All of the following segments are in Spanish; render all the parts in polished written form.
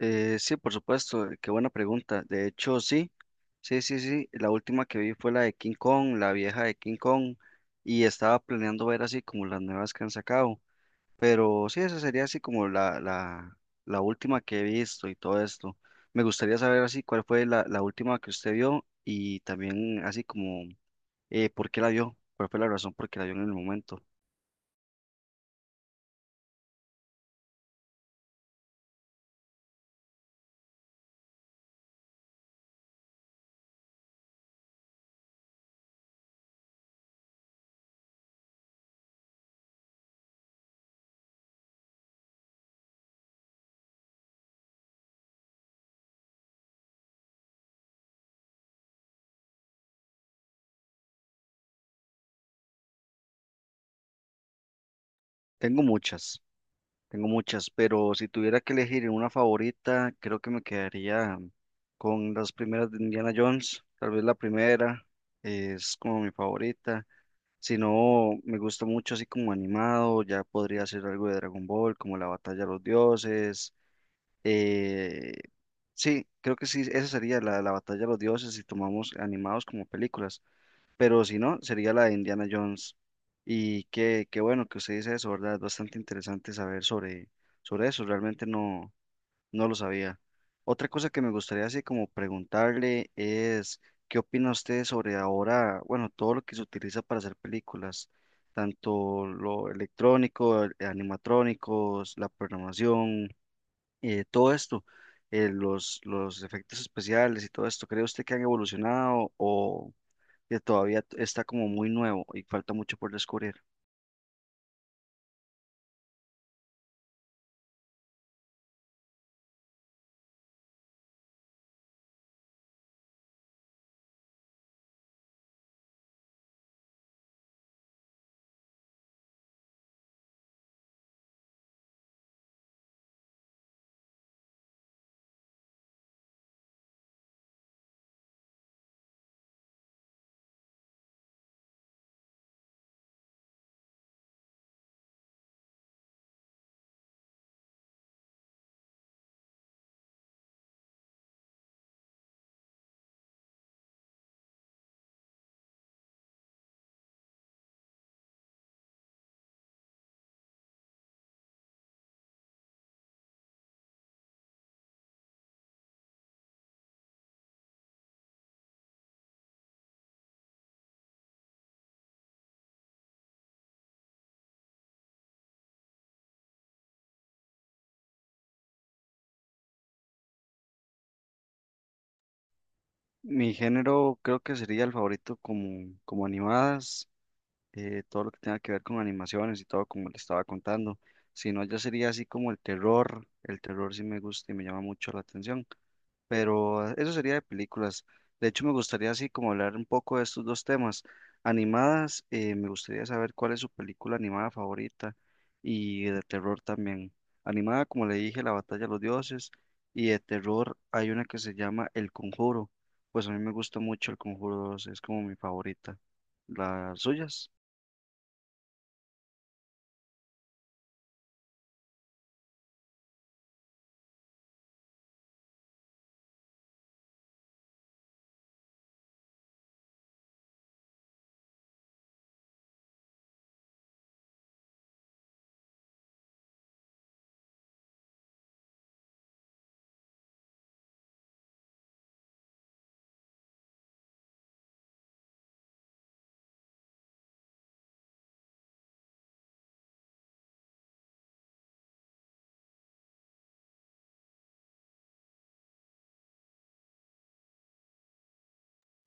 Sí, por supuesto, qué buena pregunta. De hecho, sí. La última que vi fue la de King Kong, la vieja de King Kong, y estaba planeando ver así como las nuevas que han sacado. Pero sí, esa sería así como la última que he visto y todo esto. Me gustaría saber así cuál fue la última que usted vio y también así como por qué la vio, cuál fue la razón por qué la vio en el momento. Tengo muchas. Tengo muchas, pero si tuviera que elegir una favorita, creo que me quedaría con las primeras de Indiana Jones. Tal vez la primera es como mi favorita. Si no, me gusta mucho así como animado, ya podría ser algo de Dragon Ball, como la batalla de los dioses. eh, sí, creo que sí, esa sería la batalla de los dioses si tomamos animados como películas, pero si no, sería la de Indiana Jones. Y qué bueno que usted dice eso, ¿verdad? Es bastante interesante saber sobre eso, realmente no lo sabía. Otra cosa que me gustaría así como preguntarle es, ¿qué opina usted sobre ahora? Bueno, todo lo que se utiliza para hacer películas, tanto lo electrónico, animatrónicos, la programación, todo esto, los efectos especiales y todo esto, ¿cree usted que han evolucionado o que todavía está como muy nuevo y falta mucho por descubrir? Mi género creo que sería el favorito como, como animadas, todo lo que tenga que ver con animaciones y todo como le estaba contando. Si no, ya sería así como el terror. El terror sí me gusta y me llama mucho la atención. Pero eso sería de películas. De hecho, me gustaría así como hablar un poco de estos dos temas. Animadas, me gustaría saber cuál es su película animada favorita y de terror también. Animada, como le dije, La Batalla de los Dioses, y de terror hay una que se llama El Conjuro. Pues a mí me gusta mucho El Conjuro 2, es como mi favorita. ¿Las suyas?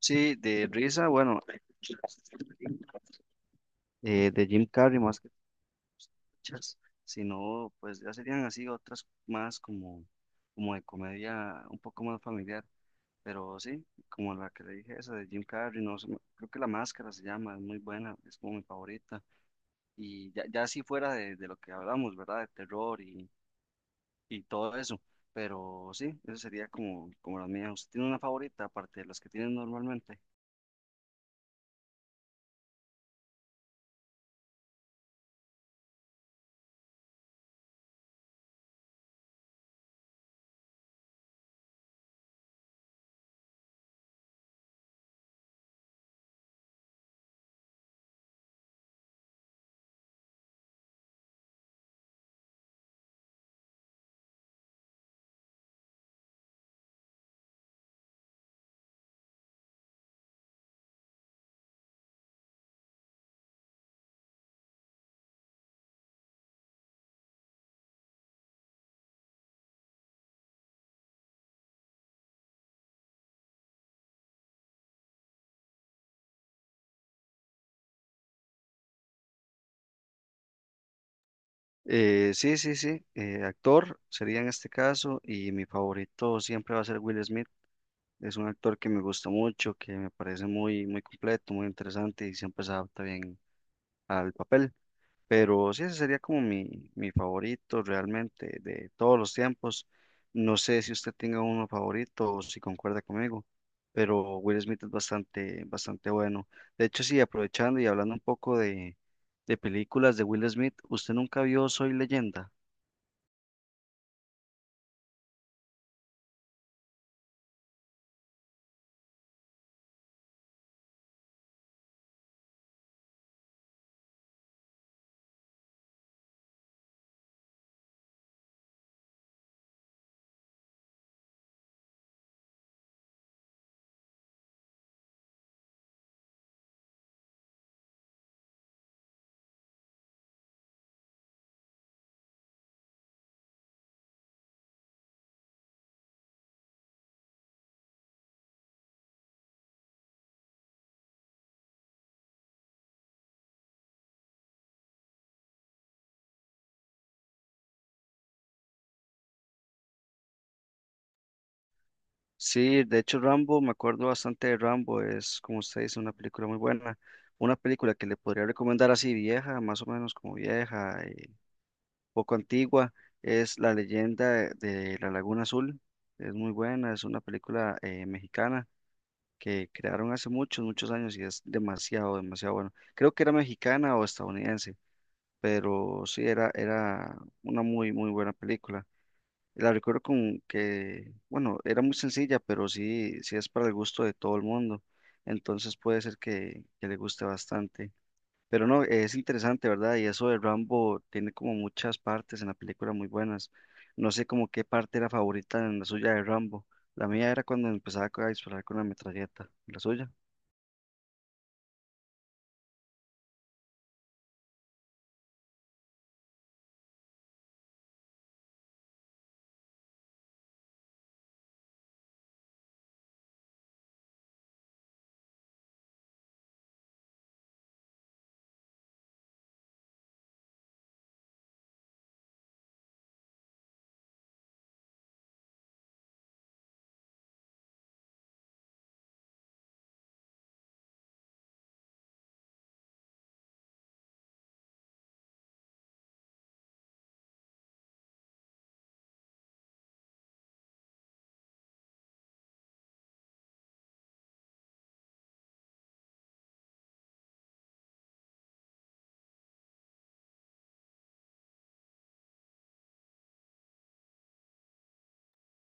Sí, de risa, bueno, de Jim Carrey más que muchas, sino pues ya serían así otras más como, como de comedia un poco más familiar, pero sí, como la que le dije, esa de Jim Carrey, no sé, creo que La Máscara se llama, es muy buena, es como mi favorita, y ya, ya así fuera de lo que hablamos, ¿verdad? De terror y todo eso, pero sí, eso sería como, como la mía. ¿Usted tiene una favorita aparte de las que tienen normalmente? Sí, actor sería en este caso y mi favorito siempre va a ser Will Smith. Es un actor que me gusta mucho, que me parece muy, muy completo, muy interesante y siempre se adapta bien al papel. Pero sí, ese sería como mi favorito realmente de todos los tiempos. No sé si usted tenga uno favorito o si concuerda conmigo, pero Will Smith es bastante, bastante bueno. De hecho, sí, aprovechando y hablando un poco de películas de Will Smith, ¿usted nunca vio Soy Leyenda? Sí, de hecho Rambo, me acuerdo bastante de Rambo, es como usted dice, una película muy buena, una película que le podría recomendar así vieja, más o menos como vieja, y poco antigua, es La leyenda de, la Laguna Azul, es muy buena, es una película mexicana que crearon hace muchos, muchos años y es demasiado, demasiado bueno. Creo que era mexicana o estadounidense, pero sí, era, era una muy, muy buena película. La recuerdo con que, bueno, era muy sencilla, pero sí, sí es para el gusto de todo el mundo. Entonces puede ser que le guste bastante. Pero no, es interesante, ¿verdad? Y eso de Rambo tiene como muchas partes en la película muy buenas. No sé como qué parte era favorita en la suya de Rambo. La mía era cuando empezaba a disparar con la metralleta, la suya.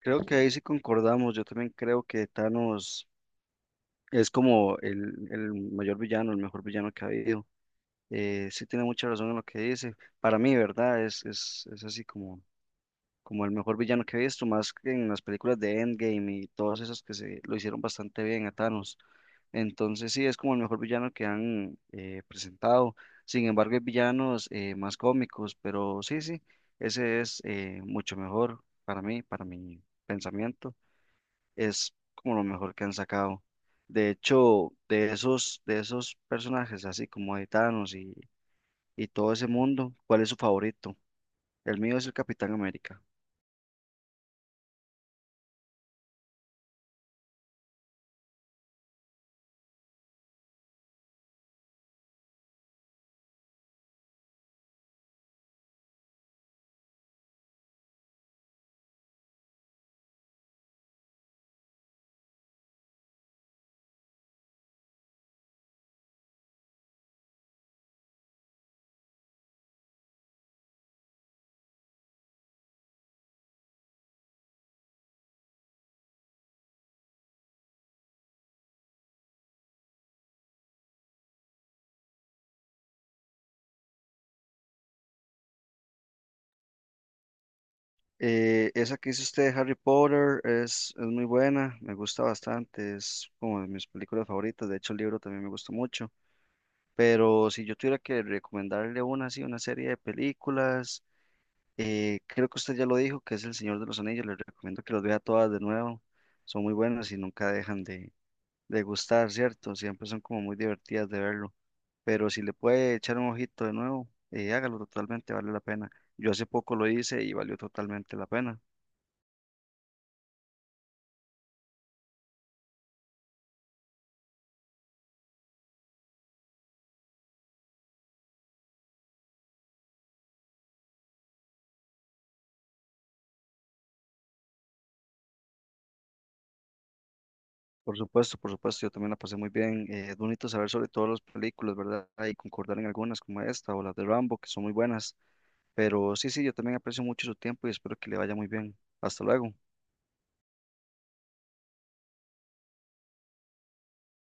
Creo que ahí sí concordamos. Yo también creo que Thanos es como el mayor villano, el mejor villano que ha habido. Sí tiene mucha razón en lo que dice. Para mí, ¿verdad? Es así como, como el mejor villano que he visto, más que en las películas de Endgame y todas esas que se lo hicieron bastante bien a Thanos. Entonces sí, es como el mejor villano que han presentado. Sin embargo, hay villanos más cómicos, pero sí, sí, ese es mucho mejor para mí, para mi pensamiento. Es como lo mejor que han sacado. De hecho, de esos personajes, así como de Thanos y todo ese mundo. ¿Cuál es su favorito? El mío es el Capitán América. Esa que hizo usted de Harry Potter es muy buena, me gusta bastante, es como de mis películas favoritas, de hecho el libro también me gusta mucho, pero si yo tuviera que recomendarle una así, una serie de películas, creo que usted ya lo dijo, que es El Señor de los Anillos, le recomiendo que los vea todas de nuevo, son muy buenas y nunca dejan de gustar, ¿cierto? Siempre son como muy divertidas de verlo. Pero si le puede echar un ojito de nuevo, hágalo totalmente, vale la pena. Yo hace poco lo hice y valió totalmente la pena. Por supuesto, yo también la pasé muy bien. Es bonito saber sobre todas las películas, ¿verdad? Y concordar en algunas como esta o las de Rambo, que son muy buenas. Pero sí, sí, yo también aprecio mucho su tiempo y espero que le vaya muy bien. Hasta luego.